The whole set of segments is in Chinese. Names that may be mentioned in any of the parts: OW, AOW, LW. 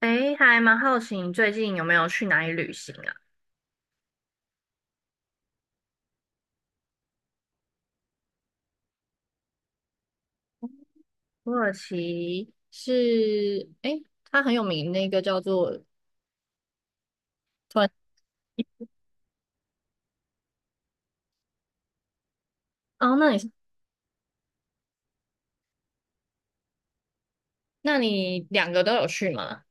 诶，还蛮好奇你最近有没有去哪里旅行啊？土耳其是，诶，它很有名，那个叫做突然，哦，那你那你两个都有去吗？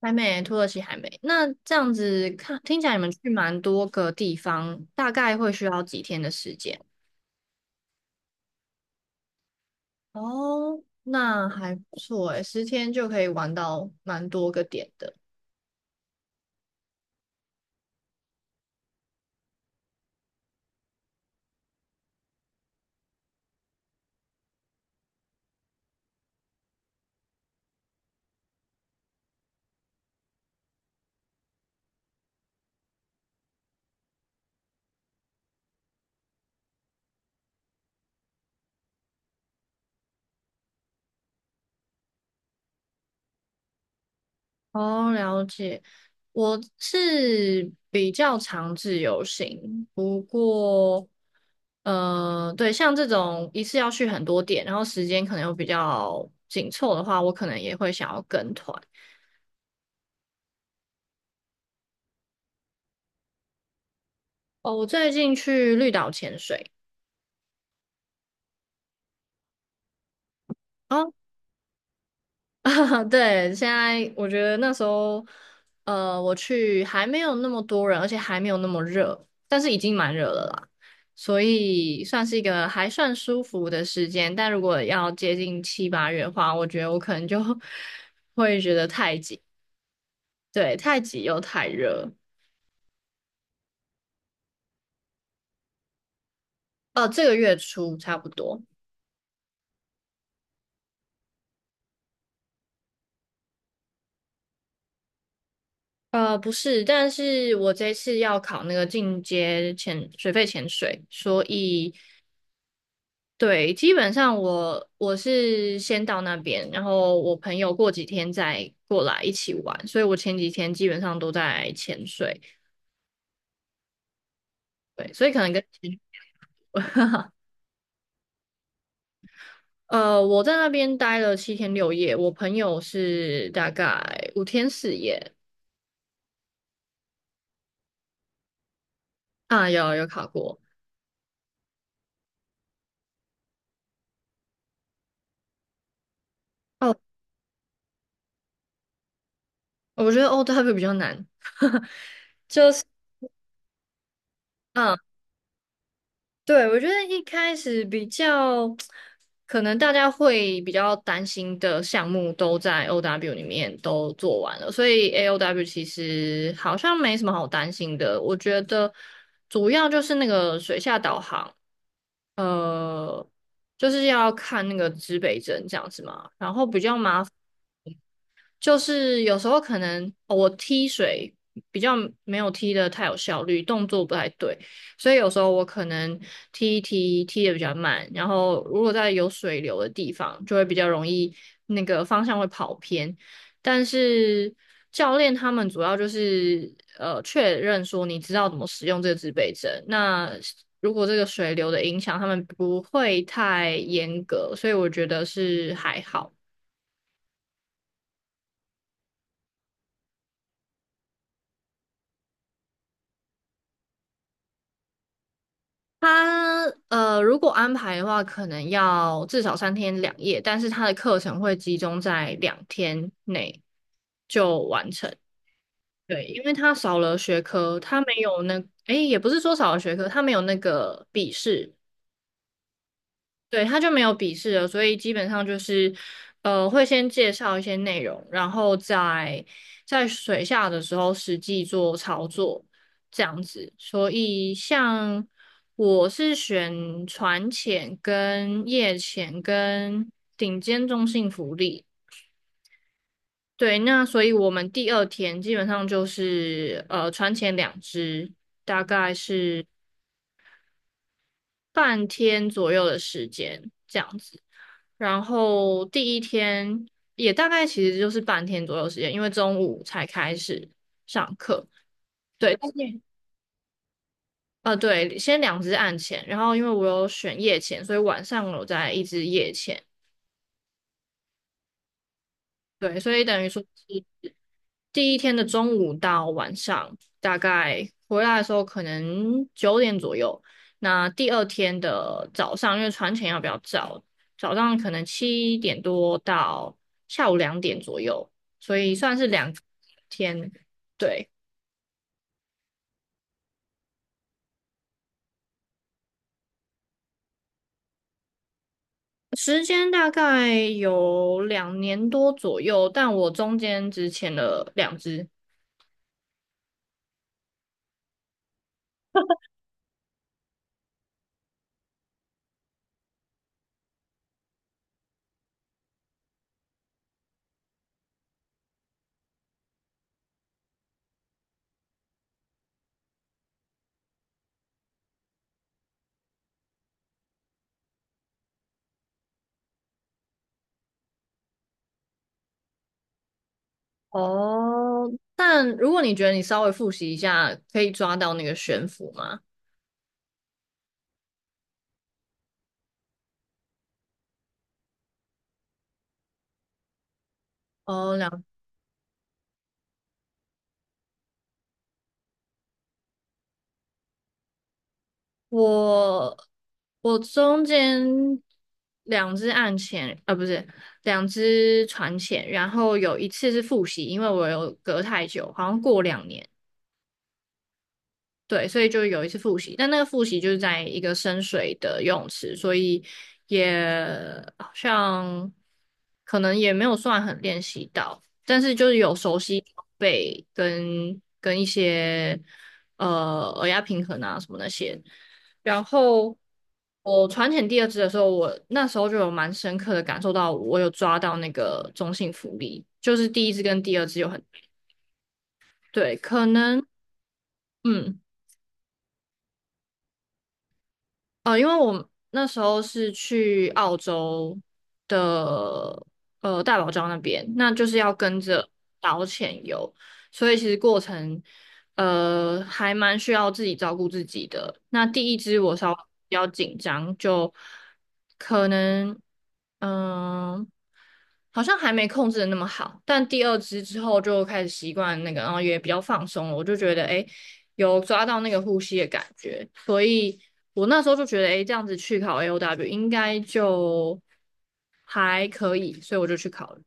还没，土耳其还没。那这样子看，听起来你们去蛮多个地方，大概会需要几天的时间？哦，那还不错诶，10天就可以玩到蛮多个点的。哦，了解。我是比较常自由行，不过，对，像这种一次要去很多点，然后时间可能又比较紧凑的话，我可能也会想要跟团。哦，我最近去绿岛潜水。哦 对，现在我觉得那时候，我去还没有那么多人，而且还没有那么热，但是已经蛮热了啦，所以算是一个还算舒服的时间。但如果要接近7、8月的话，我觉得我可能就 会觉得太挤，对，太挤又太热。这个月初差不多。不是，但是我这次要考那个进阶潜水肺潜水，所以对，基本上我是先到那边，然后我朋友过几天再过来一起玩，所以我前几天基本上都在潜水，对，所以可能跟前我在那边待了7天6夜，我朋友是大概5天4夜啊，有考过哦，我觉得 OW 比较难，就是。嗯。对，我觉得一开始比较可能大家会比较担心的项目都在 OW 里面都做完了，所以 AOW 其实好像没什么好担心的。我觉得主要就是那个水下导航，呃，就是要看那个指北针这样子嘛，然后比较麻。就是有时候可能哦我踢水比较没有踢的太有效率，动作不太对，所以有时候我可能踢一踢踢的比较慢，然后如果在有水流的地方，就会比较容易那个方向会跑偏。但是教练他们主要就是确认说你知道怎么使用这个自备针，那如果这个水流的影响，他们不会太严格，所以我觉得是还好。他如果安排的话，可能要至少3天2夜，但是他的课程会集中在2天内就完成。对，因为他少了学科，他没有那，诶，也不是说少了学科，他没有那个笔试，对，他就没有笔试了，所以基本上就是，会先介绍一些内容，然后在水下的时候实际做操作，这样子。所以像我是选船潜、跟夜潜、跟顶尖中性浮力。对，那所以我们第二天基本上就是船潜两只，大概是半天左右的时间这样子。然后第一天也大概其实就是半天左右时间，因为中午才开始上课。对，但是对，先两支暗前，然后因为我有选夜前，所以晚上我有在一支夜前。对，所以等于说是第一天的中午到晚上，大概回来的时候可能9点左右。那第二天的早上，因为船前要比较早，早上可能7点多到下午2点左右，所以算是两天。对，时间大概有2年多左右，但我中间只潜了两只。哦，但如果你觉得你稍微复习一下，可以抓到那个悬浮吗？哦，两。我我中间两只岸潜，啊，不是两只船潜，然后有一次是复习，因为我有隔太久，好像过2年。对，所以就有一次复习，但那个复习就是在一个深水的游泳池，所以也好像可能也没有算很练习到，但是就是有熟悉背跟一些耳压平衡啊什么那些。然后我船潜第二支的时候，我那时候就有蛮深刻的感受到，我有抓到那个中性浮力，就是第一支跟第二支有很对，可能嗯。因为我那时候是去澳洲的大堡礁那边，那就是要跟着导潜游，所以其实过程还蛮需要自己照顾自己的。那第一支我稍微比较紧张，就可能嗯、好像还没控制的那么好，但第二支之后就开始习惯那个，然后也比较放松了，我就觉得诶有抓到那个呼吸的感觉，所以我那时候就觉得，哎，这样子去考 AOW 应该就还可以，所以我就去考了，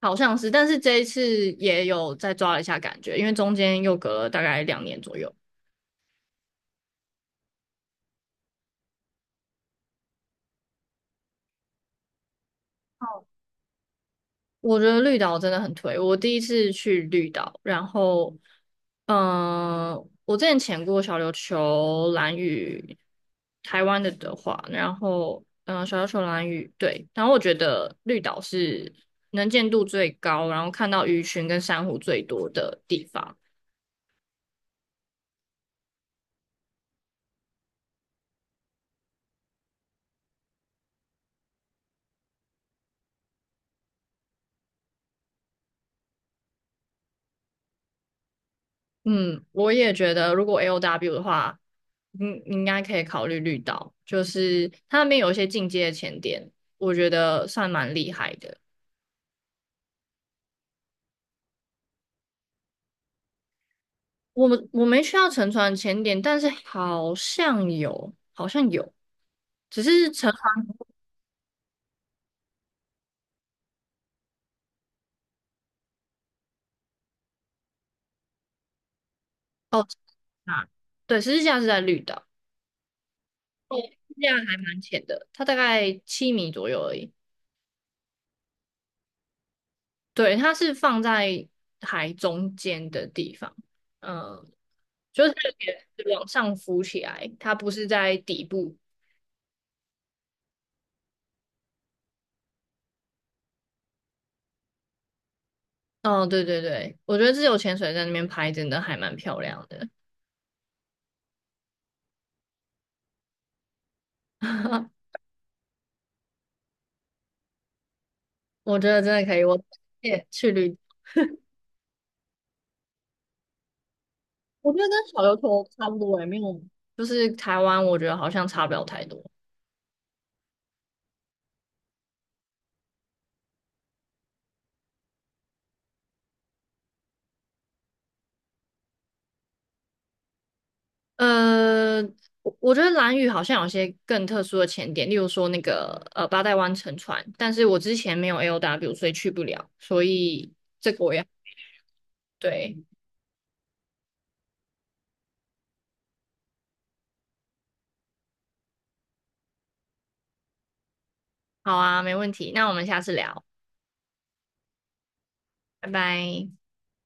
好像是，但是这一次也有再抓了一下感觉，因为中间又隔了大概2年左右。我觉得绿岛真的很推。我第一次去绿岛，然后，嗯、我之前潜过小琉球、蓝屿，台湾的的话，然后，嗯、小琉球、蓝屿，对，然后我觉得绿岛是能见度最高，然后看到鱼群跟珊瑚最多的地方。嗯，我也觉得，如果 LW 的话，应该可以考虑绿岛，就是它那边有一些进阶的潜点，我觉得算蛮厉害的。我没需要沉船前点，但是好像有，好像有，只是沉船哦，啊，对，十字架是在绿岛，十字架还蛮浅的，它大概7米左右而已。对，它是放在海中间的地方，嗯，就是它有点往上浮起来，它不是在底部。哦，对对对，我觉得自由潜水在那边拍真的还蛮漂亮的，我觉得真的可以，我推去绿。我觉得跟小琉球差不多也没有，就是台湾，我觉得好像差不了太多。呃，我我觉得兰屿好像有些更特殊的潜点，例如说那个八代湾沉船，但是我之前没有 LW,所以去不了，所以这个我也对，好啊，没问题，那我们下次聊，拜拜。